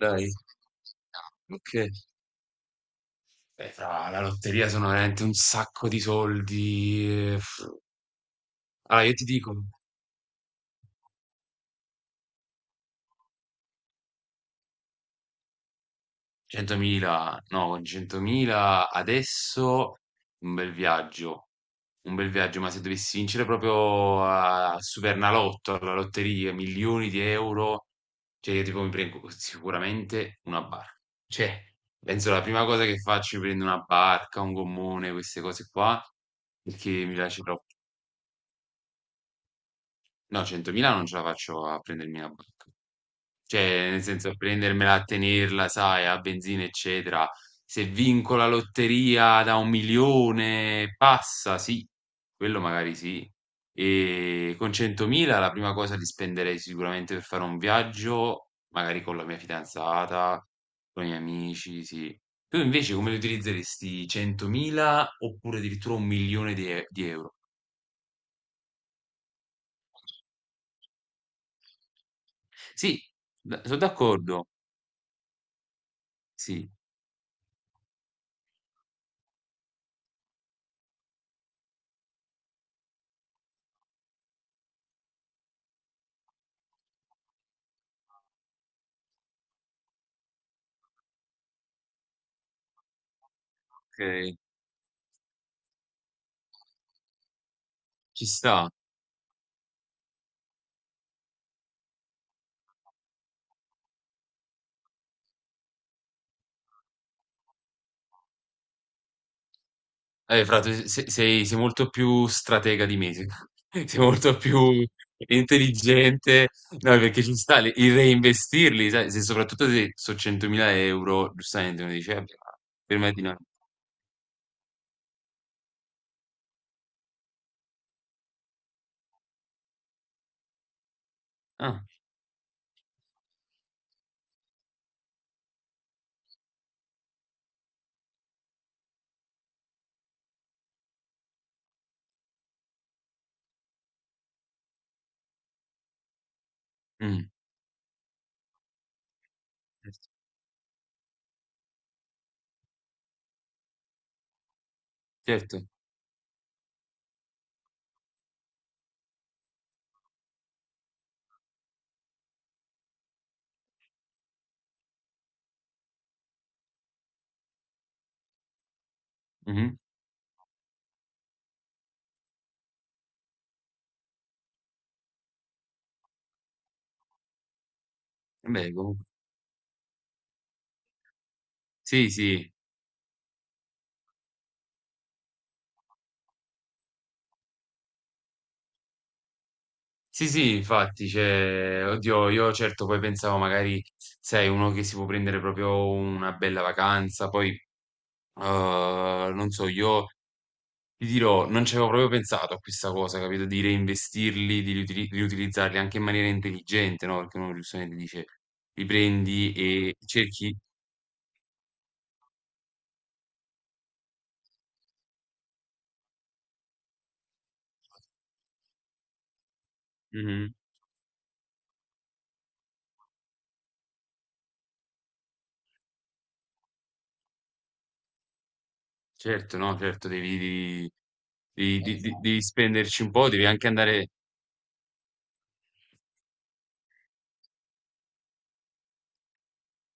Dai, ok. Beh, fra la lotteria sono veramente un sacco di soldi. eh, f- Allora, io ti dico, 100.000, no, con 100.000 adesso un bel viaggio, un bel viaggio, ma se dovessi vincere proprio a al Supernalotto, alla lotteria, milioni di euro, cioè io tipo mi prendo sicuramente una barca. Cioè, penso la prima cosa che faccio è prendere una barca, un gommone, queste cose qua, perché mi piace troppo. No, 100.000 non ce la faccio a prendermi la banca. Cioè, nel senso, prendermela, a tenerla, sai, a benzina, eccetera. Se vinco la lotteria da 1 milione, passa, sì, quello magari sì. E con 100.000 la prima cosa li spenderei sicuramente per fare un viaggio, magari con la mia fidanzata, con i miei amici, sì. Tu invece come li utilizzeresti 100.000 oppure addirittura 1 milione di, di euro? Sì, sono d'accordo, sì. Okay, ci sta. Fra tu se sei molto più stratega di me, se sei molto più intelligente. No, perché ci sta le il reinvestirli, sai, se soprattutto se so' 100.000 €, giustamente uno dice: "Vabbè, ma prima di no". Ah, mh, certo, certo. Mh-mh. Vabbè comunque sì, sì. Sì, sì, infatti, cioè, oddio, io certo poi pensavo magari, sai, uno che si può prendere proprio una bella vacanza, poi, non so, io ti dirò, non ci avevo proprio pensato a questa cosa, capito? Di reinvestirli, di riutilizzarli anche in maniera intelligente, no? Perché uno giustamente dice, li prendi e cerchi. Mhm. Certo, no, certo, esatto, devi spenderci un po', devi anche andare.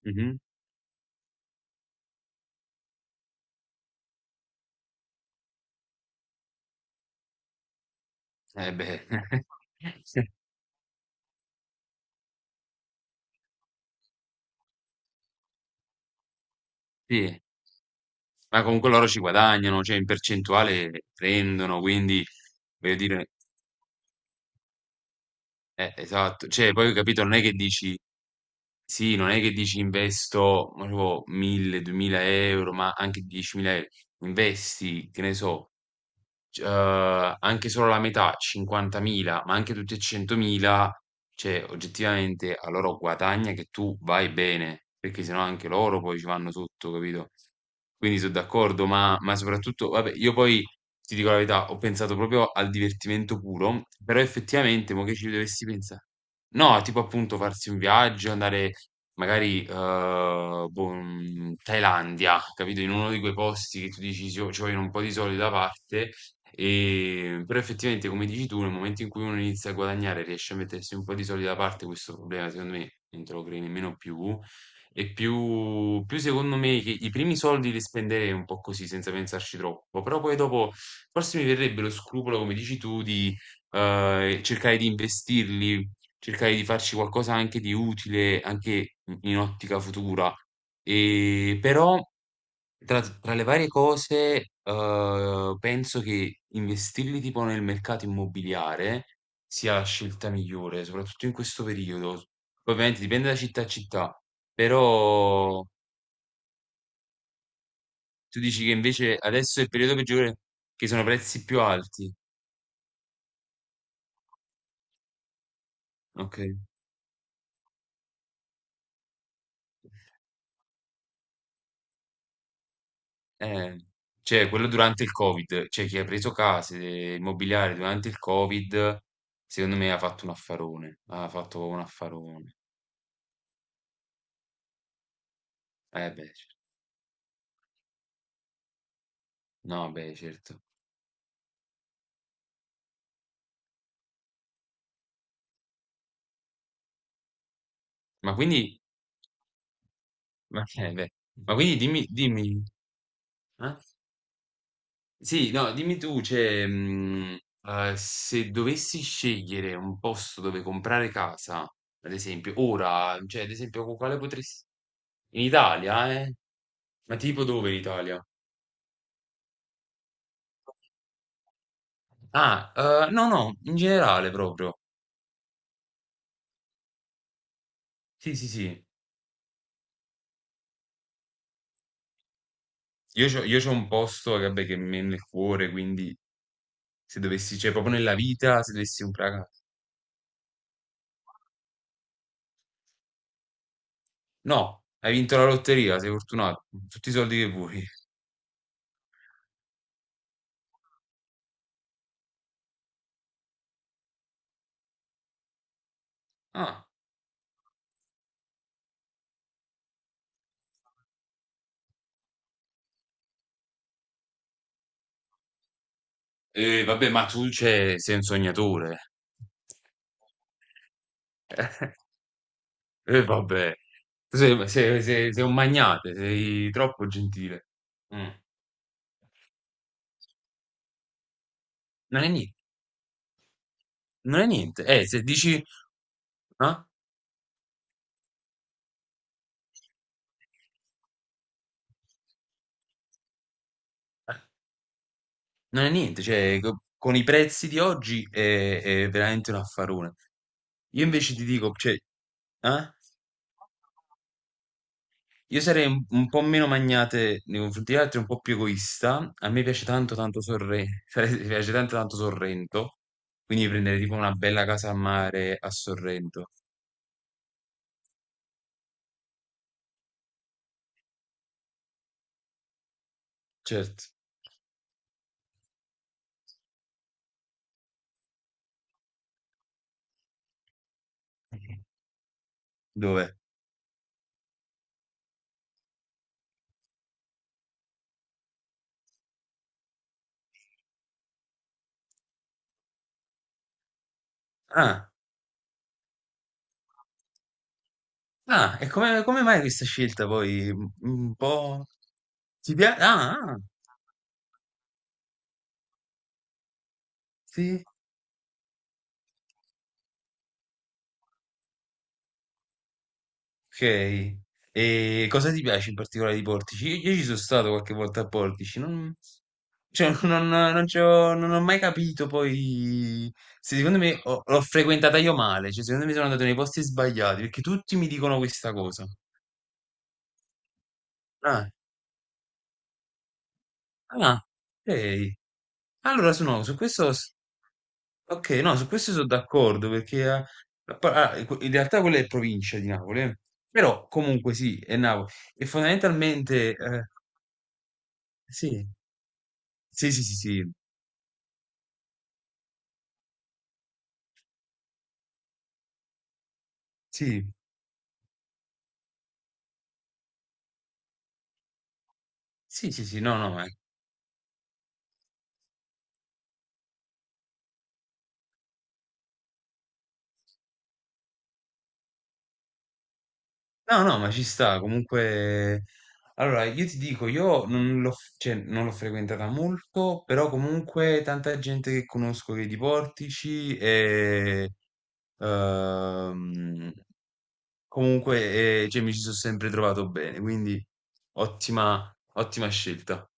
Mhm. Eh beh, sì, ma comunque loro ci guadagnano, cioè in percentuale prendono, quindi, voglio dire, esatto, cioè poi capito, non è che dici. Sì, non è che dici investo, ma tipo 1000, 2000 euro, ma anche 10.000 euro. Investi, che ne so, c anche solo la metà, 50.000, ma anche tutti e 100.000, cioè oggettivamente a loro guadagna che tu vai bene, perché sennò anche loro poi ci vanno sotto, capito? Quindi so' d'accordo, ma soprattutto vabbè, io poi ti dico la verità, ho pensato proprio al divertimento puro, però effettivamente mo' che ci dovessi pensa, no, tipo appunto farsi un viaggio, andare magari, boh, Thailandia, capito? In uno di quei posti che tu dici: "Ci vo ci vogliono un po' di soldi da parte". Però effettivamente come dici tu, nel momento in cui uno inizia a guadagnare, riesce a mettersi un po' di soldi da parte, questo problema secondo me non te lo crei nemmeno più. E più secondo me che i primi soldi li spenderei un po' così, senza pensarci troppo, però poi dopo forse mi verrebbe lo scrupolo, come dici tu, di cercare di investirli, cercare di farci qualcosa anche di utile, anche in ottica futura. E però tra le varie cose, penso che investirli tipo nel mercato immobiliare sia la scelta migliore, soprattutto in questo periodo. Poi ovviamente dipende da città a città, però tu dici che invece adesso è il periodo peggiore, che sono prezzi più alti. Okay. Eh, cioè quello durante il Covid, cioè chi ha preso case immobiliari durante il Covid, secondo me ha fatto un affarone, ha fatto un affarone. Eh beh, cer, no, beh certo. Ma quindi, ma, beh, ma quindi dimmi, eh? Sì, no, dimmi tu, cioè, se dovessi scegliere un posto dove comprare casa, ad esempio, ora, cioè, ad esempio, con quale potresti. In Italia, eh? Ma tipo dove in Italia? Ah, no, no, in generale proprio. Sì, sì, sì. Io c'ho un posto, vabbè, che mi è nel cuore, quindi se dovessi, cioè, proprio nella vita, se dovessi comprare casa. No, hai vinto la lotteria, sei fortunato. Tutti i soldi che vuoi. Ah, e vabbè, ma tu c'è, sei un sognatore. E vabbè, tu sei un magnate, sei troppo gentile. Mm. Non è niente, non è niente. Se dici, ah, non è niente, cioè, con i prezzi di oggi è veramente un affarone. Io invece ti dico, cioè, eh? Io sarei un po' meno magnate nei confronti degli altri, un po' più egoista. A me piace tanto tanto Sorrento, mi piace tanto tanto Sorrento, quindi prendere tipo una bella casa a mare a Sorrento. Certo. Dove? Ah, ah, e come, come mai questa scelta poi? Un po'. Ti piace? Ah, ah, sì. Ok. E cosa ti piace in particolare di Portici? Io ci sono stato qualche volta a Portici, non, cioè, non, non ci ho non ho mai capito poi se secondo me l'ho frequentata io male, cioè secondo me sono andato nei posti sbagliati perché tutti mi dicono questa cosa. Ah, ah, ok. Allora, su, no, su questo, ok, no, su questo sono d'accordo perché ah, in realtà quella è provincia di Napoli, eh. Però comunque sì, è Napoli e fondamentalmente sì. Sì, sì, sì, sì. Sì. Sì, sì, sì, no, no, ma ci sta, comunque allora io ti dico, io non cioè, non l'ho frequentata molto, però comunque tanta gente che conosco che di Portici e ehm, comunque cioè, mi ci sono sempre trovato bene, quindi ottima, ottima scelta.